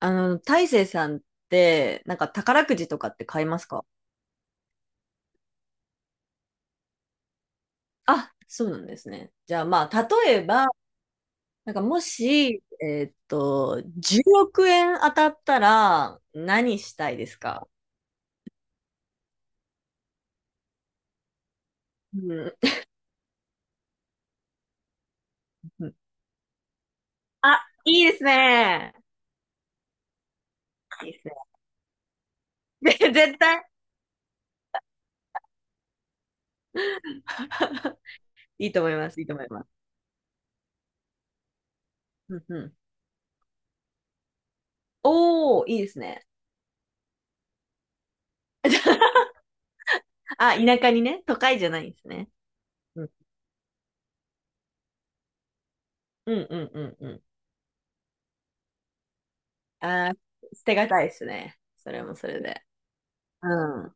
大成さんって、なんか宝くじとかって買いますか？あ、そうなんですね。じゃあまあ、例えば、なんかもし、10億円当たったら何したいですか？うん。あ、いいですね。いいですね。で絶対。いいと思います。いいと思います。うんうん。おー、いいですね。あ、田舎にね、都会じゃないんですね。うん、うん、うん、うん。うん。あー、捨てがたいですね。それもそれで。うん。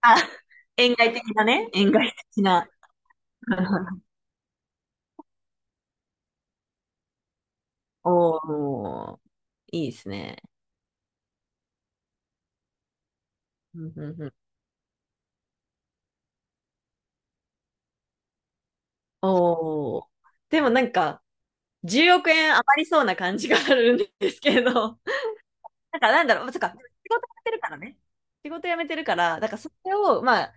あ、円外的なね。円外的な。おー、いいですね。うんうんうん。おー。でもなんか、10億円余りそうな感じがあるんですけど、なんかなんだろう、そっか、仕事やめてるからね。仕事辞めてるから、だからそれを、まあ、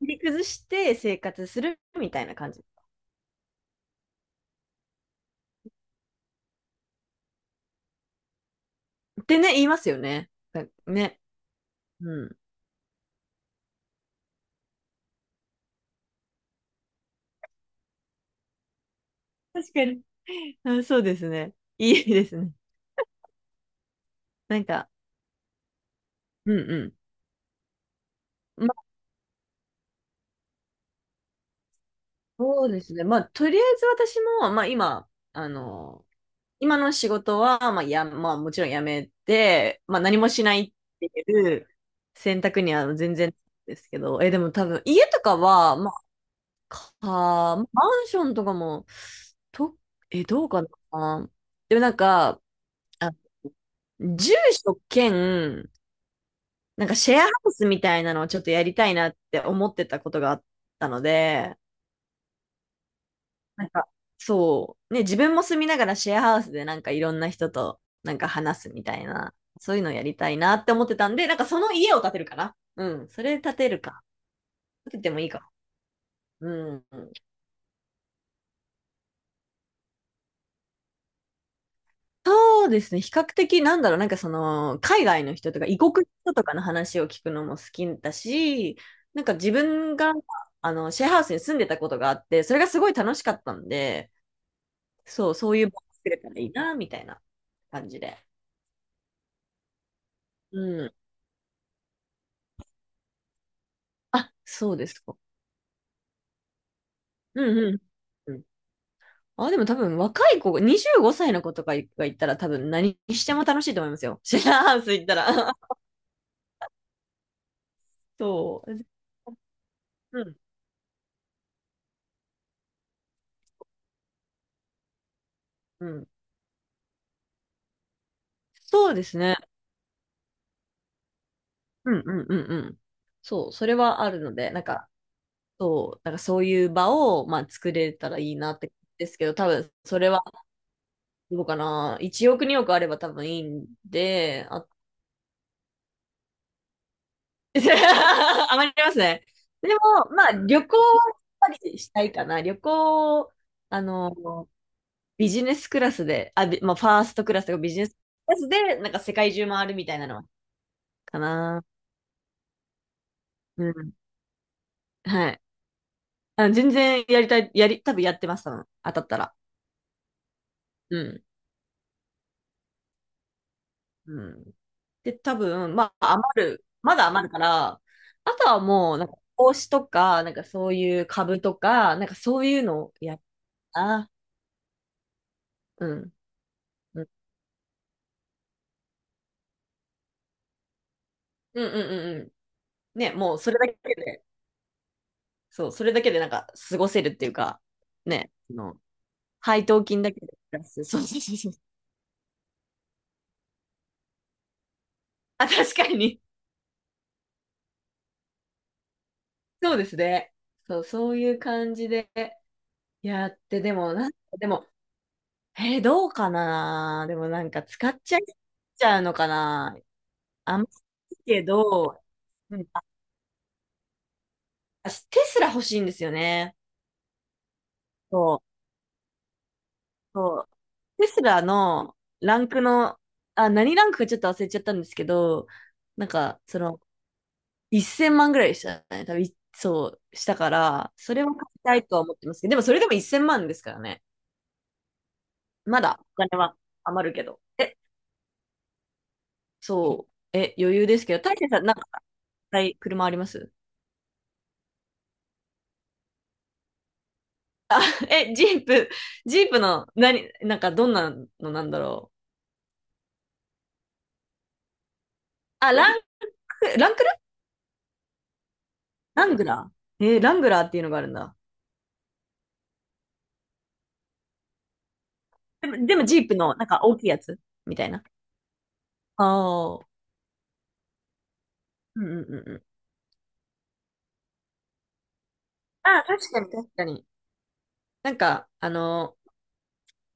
切り崩して生活するみたいな感じ。ってね、言いますよね。だね。うん。確かに。あ、そうですね。いいですね。なんか、うんうん。そうですね。まあ、とりあえず私も、まあ今、あの、今の仕事は、まあや、まあもちろん辞めて、まあ何もしないっていう選択には全然ですけど、え、でも多分家とかは、まあ、マンションとかも、と、どうかな。でもなんか、あ、住所兼、なんかシェアハウスみたいなのをちょっとやりたいなって思ってたことがあったので、なんか、そう。ね、自分も住みながらシェアハウスでなんかいろんな人となんか話すみたいな、そういうのやりたいなって思ってたんで、なんかその家を建てるかな。うん。それ建てるか。建ててもいいか。うん。そうですね。比較的なんだろう、なんかその、海外の人とか異国の人とかの話を聞くのも好きだし、なんか自分が、シェアハウスに住んでたことがあって、それがすごい楽しかったんで、そう、そういう場を作れたらいいな、みたいな感じで。うん。あ、そうですか。うんうん。うん。あ、でも多分若い子、25歳の子とかが行ったら多分何しても楽しいと思いますよ。シェアハウス行ったら。そう。うん。うん。そうですね。うんうんうんうん。そう、それはあるので、なんか、そう、なんかそういう場を、まあ、作れたらいいなって、ですけど、多分、それは、どうかな。1億、2億あれば多分いいんで、あ、余りますね。でも、まあ、旅行はやっぱりしたいかな。旅行、あの、ビジネスクラスで、まあ、ファーストクラスとかビジネスクラスで、なんか世界中回るみたいなのは、かな。うん。はい。あ、全然やりたい、多分やってます、多分。当たったら。うん。うん。で、多分、まあ、余る。まだ余るから、あとはもう、なんか、投資とか、なんかそういう株とか、なんかそういうのをやったな。うん。うん。うんうんうんうん。ね、もうそれだけで、そう、それだけでなんか過ごせるっていうか、ね、の配当金だけでプラス。そうそうそうそう。あ、確かに。そうですね。そう、そういう感じでやって、でも、なんか、でも、どうかな、でもなんか使っちゃいちゃうのかな。あんまりけど、うん、あ、私、テスラ欲しいんですよね。そう、そう。テスラのランクの、あ、何ランクかちょっと忘れちゃったんですけど、なんか、その、1000万ぐらいでしたね。多分そう、したから、それは買いたいとは思ってますけど、でもそれでも1000万ですからね。まだお金は余るけど。え、そう。え、余裕ですけど、大勢さん、なんか、はい、車あります？ え、ジープの、何、なんか、どんなのなんだろう。あ、ランクル、ラングラー、ラングラーっていうのがあるんだ。でも、ジープの、なんか、大きいやつみたいな。ああ。うんうんうんうん。ああ、確かに確かに。なんか、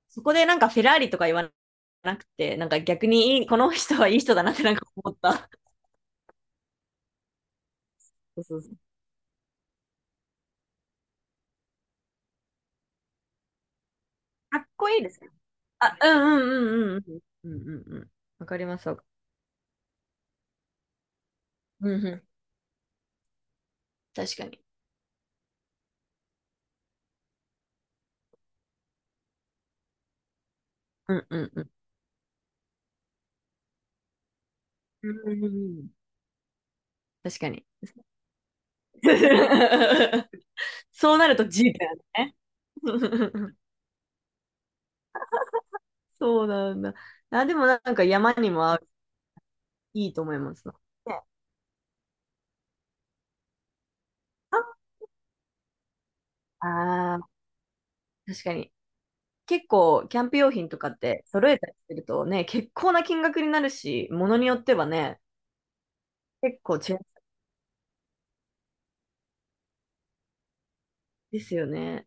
そこでなんかフェラーリとか言わなくて、なんか逆にいいこの人はいい人だなってなんか思った。そうそうそう。かっこいいですね。あ、うんうんうんうんうんうんうんうん。わかります、うんうん。確かに。うんうんうん。うんうんうん。確かに。そうなると G だよね。そうなんだ。あ、でもなんか山にも合う、いいと思いますな。ね、ああー、確かに。結構、キャンプ用品とかって揃えたりするとね、結構な金額になるし、ものによってはね、結構違うんですよね。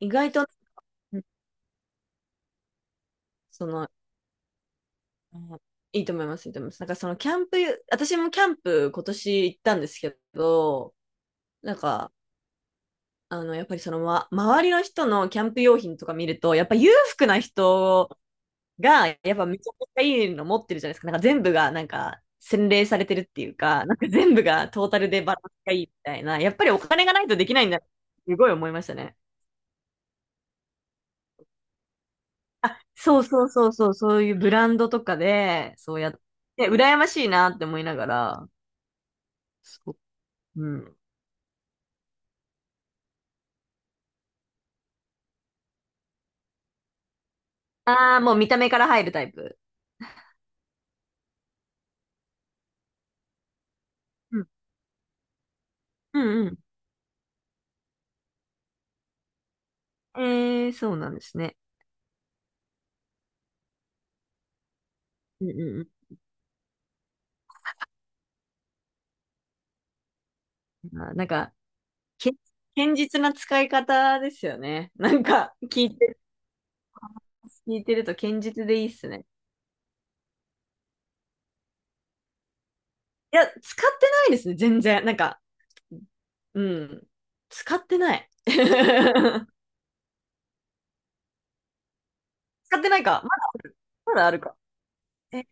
意外と、うん、その、うん、いいと思います、いいと思います。なんかそのキャンプ、私もキャンプ今年行ったんですけど、なんか、やっぱりその、ま、周りの人のキャンプ用品とか見ると、やっぱ裕福な人が、やっぱめちゃくちゃいいの持ってるじゃないですか。なんか全部がなんか洗練されてるっていうか、なんか全部がトータルでバランスがいいみたいな、やっぱりお金がないとできないんだって、すごい思いましたね。あ、そうそうそうそう、そういうブランドとかで、そうやって、羨ましいなって思いながら、そう、うん。ああ、もう見た目から入るタイプ。うん、うん、うん。えー、そうなんですね。うん、うん、うん。あー、なんか、け、堅実な使い方ですよね。なんか、聞いてると堅実でいいっすね。いや、使ってないですね、全然。なんか、うん。使ってない。使ってないか。まだあるか。え、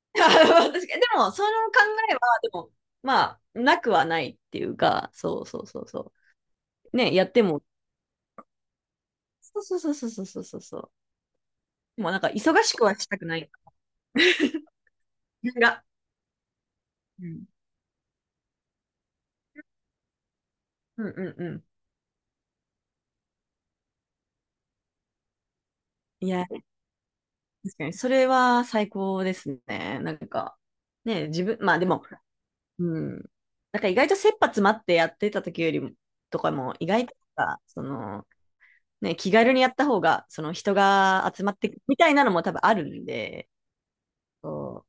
確かに。でも、その考えは、でも、まあ、なくはないっていうか、そうそうそうそう。ね、やっても、そうそうそうそうそうそうそう。でもなんか、忙しくはしたくない。自分が。うん。うんうんうん。いや、確かに、それは最高ですね。なんか、ね、自分、まあでも、うん。なんか意外と切羽詰まってやってた時よりも、とかも、意外とさ、その、ね、気軽にやった方が、その人が集まってくみたいなのも多分あるんで、そ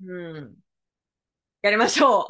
う。うん。やりましょう。